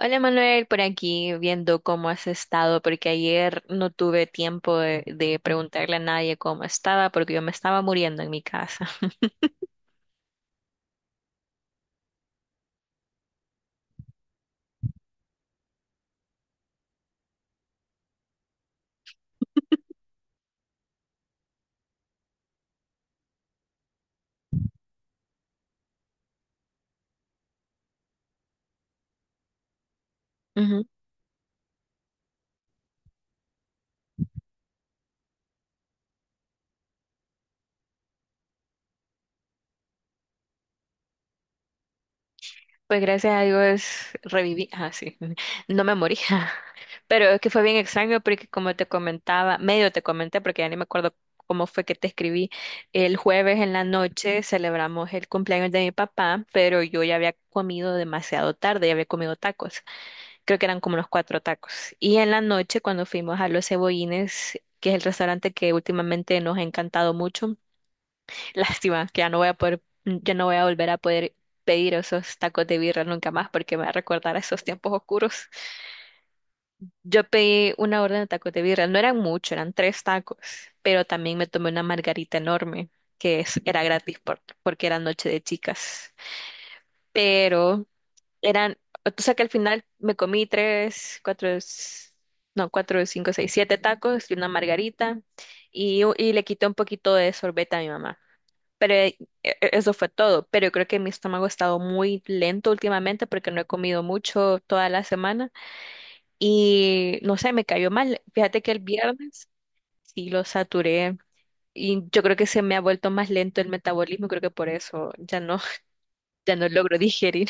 Hola Manuel, por aquí viendo cómo has estado, porque ayer no tuve tiempo de preguntarle a nadie cómo estaba, porque yo me estaba muriendo en mi casa. Ujú. Pues gracias a Dios reviví, sí, no me morí, pero es que fue bien extraño porque como te comentaba, medio te comenté, porque ya ni me acuerdo cómo fue que te escribí. El jueves en la noche celebramos el cumpleaños de mi papá, pero yo ya había comido demasiado tarde, ya había comido tacos. Creo que eran como unos cuatro tacos. Y en la noche, cuando fuimos a Los Cebollines, que es el restaurante que últimamente nos ha encantado mucho, lástima que ya no voy a poder, ya no voy a volver a poder pedir esos tacos de birra nunca más porque me va a recordar a esos tiempos oscuros. Yo pedí una orden de tacos de birra, no eran mucho, eran tres tacos, pero también me tomé una margarita enorme, era gratis porque era noche de chicas. Pero eran, o sea que al final me comí tres, cuatro, no, cuatro, cinco, seis, siete tacos y una margarita y, y le quité un poquito de sorbete a mi mamá. Pero eso fue todo. Pero yo creo que mi estómago ha estado muy lento últimamente porque no he comido mucho toda la semana y no sé, me cayó mal. Fíjate que el viernes sí lo saturé. Y yo creo que se me ha vuelto más lento el metabolismo, creo que por eso ya no, ya no logro digerir.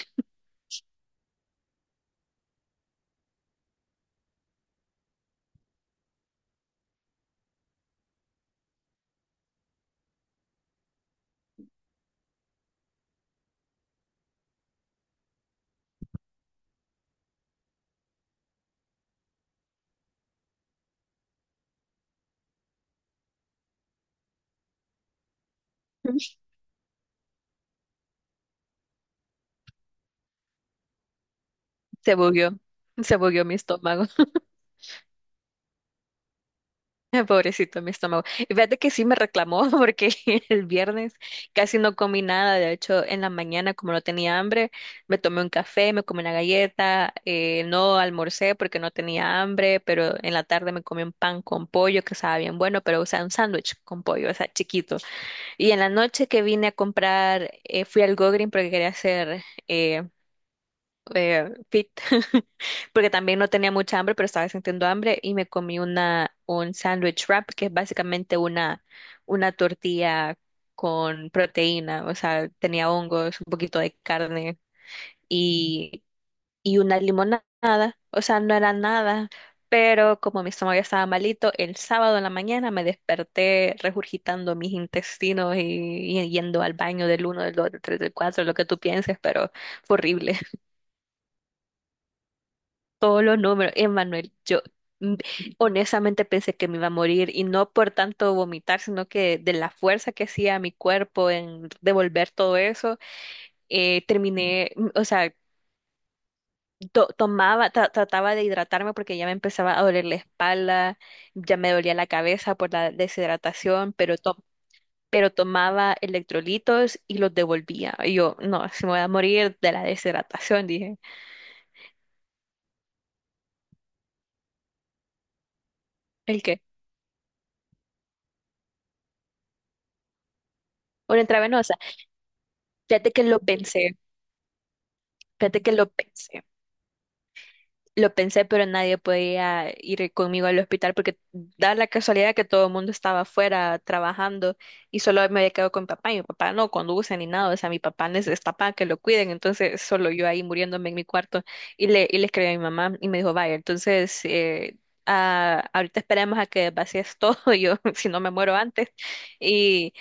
Se bugueó, se bugueó mi estómago. Pobrecito mi estómago. Y fíjate que sí me reclamó porque el viernes casi no comí nada. De hecho, en la mañana, como no tenía hambre, me tomé un café, me comí una galleta, no almorcé porque no tenía hambre, pero en la tarde me comí un pan con pollo que estaba bien bueno, pero o sea, un sándwich con pollo, o sea, chiquito. Y en la noche que vine a comprar, fui al Go Green porque quería hacer eh, fit, porque también no tenía mucha hambre, pero estaba sintiendo hambre y me comí un sandwich wrap, que es básicamente una, tortilla con proteína, o sea, tenía hongos, un poquito de carne y, una limonada, o sea, no era nada, pero como mi estómago ya estaba malito, el sábado en la mañana me desperté regurgitando mis intestinos y, yendo al baño del uno, del 2, del 3, del 4, lo que tú pienses, pero fue horrible. Todos los números. Emanuel, yo mm, honestamente pensé que me iba a morir y no por tanto vomitar, sino que de la fuerza que hacía mi cuerpo en devolver todo eso, terminé, o sea, tomaba, trataba de hidratarme porque ya me empezaba a doler la espalda, ya me dolía la cabeza por la deshidratación, pero tomaba electrolitos y los devolvía. Y yo, no, si me voy a morir de la deshidratación, dije. ¿El qué? Una intravenosa. Fíjate que lo pensé. Fíjate que lo pensé, pero nadie podía ir conmigo al hospital porque da la casualidad que todo el mundo estaba afuera trabajando y solo me había quedado con mi papá y mi papá no conduce ni nada, o sea, mi papá necesita para que lo cuiden, entonces solo yo ahí muriéndome en mi cuarto y le escribí a mi mamá y me dijo, vaya, entonces ahorita esperemos a que vacíes todo, yo si no me muero antes y...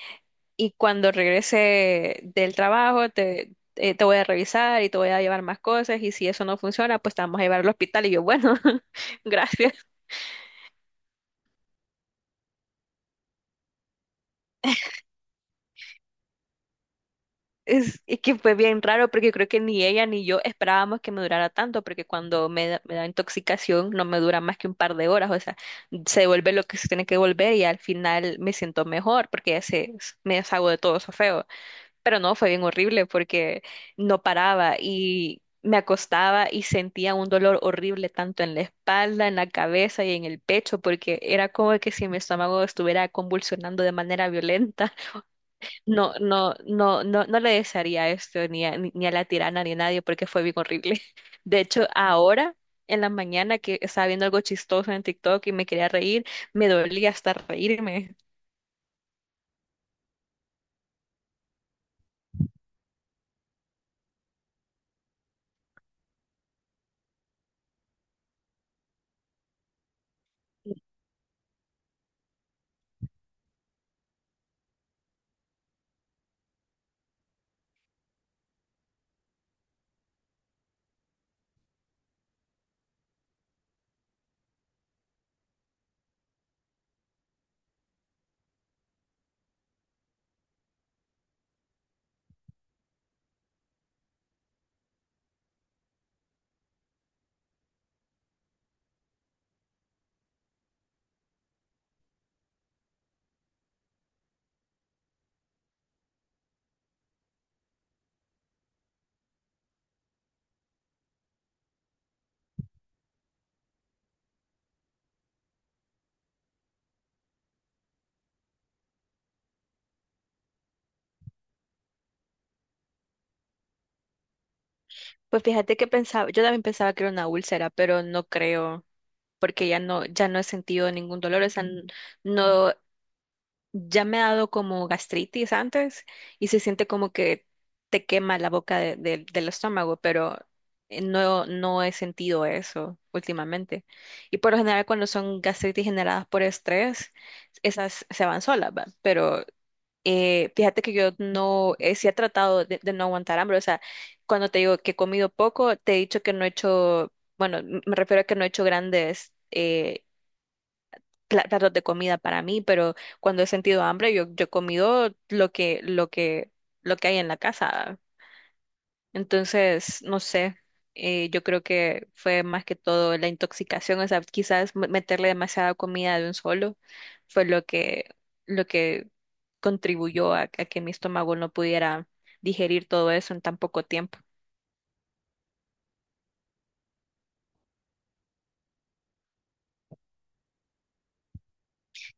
Y cuando regrese del trabajo, te voy a revisar y te voy a llevar más cosas y si eso no funciona, pues te vamos a llevar al hospital. Y yo, bueno, gracias. Es que fue bien raro porque creo que ni ella ni yo esperábamos que me durara tanto porque cuando me da intoxicación no me dura más que un par de horas, o sea, se devuelve lo que se tiene que devolver y al final me siento mejor porque me deshago de todo eso feo. Pero no, fue bien horrible porque no paraba y me acostaba y sentía un dolor horrible tanto en la espalda, en la cabeza y en el pecho, porque era como que si mi estómago estuviera convulsionando de manera violenta. No, no, no, no, no le desearía esto ni a, ni a la tirana ni a nadie porque fue bien horrible. De hecho, ahora en la mañana que estaba viendo algo chistoso en TikTok y me quería reír, me dolía hasta reírme. Pues fíjate que pensaba, yo también pensaba que era una úlcera, pero no creo. Porque ya no, ya no he sentido ningún dolor, o sea, no, ya me ha dado como gastritis antes y se siente como que te quema la boca del estómago, pero no, no he sentido eso últimamente. Y por lo general cuando son gastritis generadas por estrés, esas se van solas, ¿va? Pero fíjate que yo no, sí he tratado de, no aguantar hambre, o sea, cuando te digo que he comido poco, te he dicho que no he hecho... Bueno, me refiero a que no he hecho grandes platos de comida para mí, pero cuando he sentido hambre, yo he comido lo que, lo que hay en la casa. Entonces, no sé, yo creo que fue más que todo la intoxicación, o sea, quizás meterle demasiada comida de un solo fue lo que, lo que contribuyó a que mi estómago no pudiera digerir todo eso en tan poco tiempo.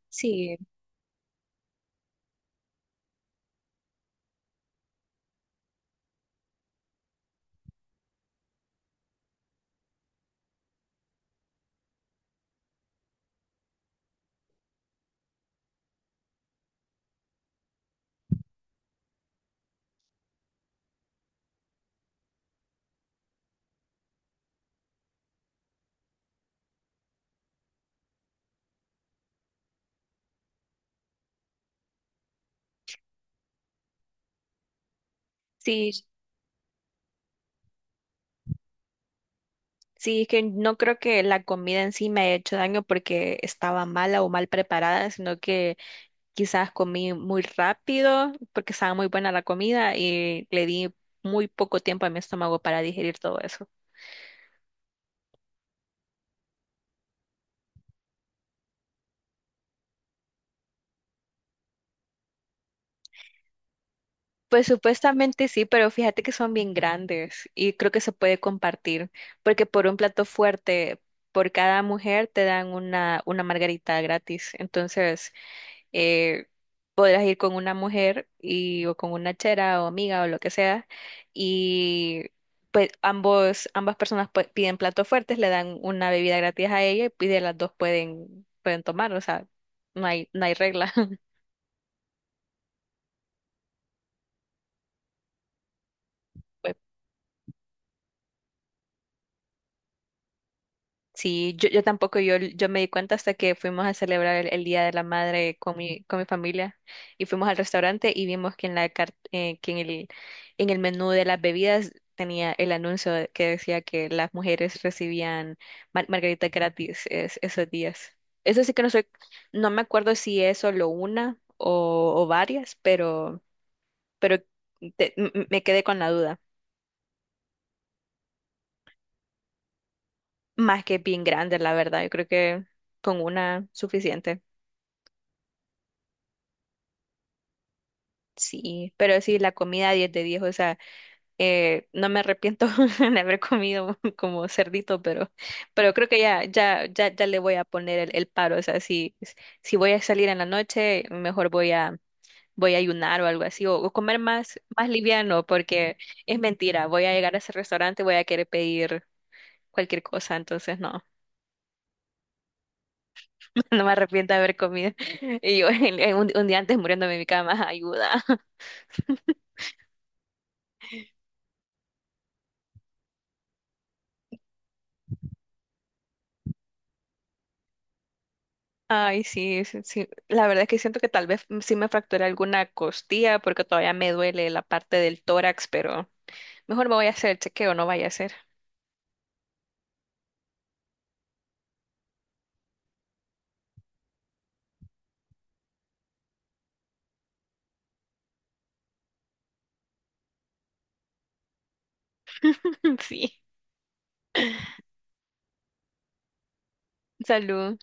Sí, sí, sí, es que no creo que la comida en sí me haya hecho daño porque estaba mala o mal preparada, sino que quizás comí muy rápido porque estaba muy buena la comida y le di muy poco tiempo a mi estómago para digerir todo eso. Pues supuestamente sí, pero fíjate que son bien grandes y creo que se puede compartir, porque por un plato fuerte, por cada mujer te dan una margarita gratis. Entonces, eh, podrás ir con una mujer y, o con una chera o amiga o lo que sea y pues ambos, ambas personas pues, piden platos fuertes, le dan una bebida gratis a ella y de las dos pueden, tomar, o sea, no hay, regla. Sí, yo tampoco, yo me di cuenta hasta que fuimos a celebrar el Día de la Madre con mi, familia y fuimos al restaurante y vimos que que en en el menú de las bebidas tenía el anuncio que decía que las mujeres recibían margarita gratis esos días. Eso sí que no soy, no me acuerdo si es solo una o varias, pero, pero me quedé con la duda. Más que bien grande, la verdad. Yo creo que con una suficiente. Sí, pero sí, la comida 10 de 10, o sea, no me arrepiento de haber comido como cerdito, pero, creo que ya, le voy a poner el paro, o sea, si voy a salir en la noche, mejor voy a ayunar o algo así, o comer más, más liviano, porque es mentira, voy a llegar a ese restaurante, voy a querer pedir cualquier cosa, entonces no, no me arrepiento de haber comido, y yo un día antes muriéndome en mi cama, ayuda. Ay, sí, sí, sí. La verdad es que siento que tal vez sí me fracturé alguna costilla porque todavía me duele la parte del tórax, pero mejor me voy a hacer el chequeo, no vaya a ser. Sí. Salud.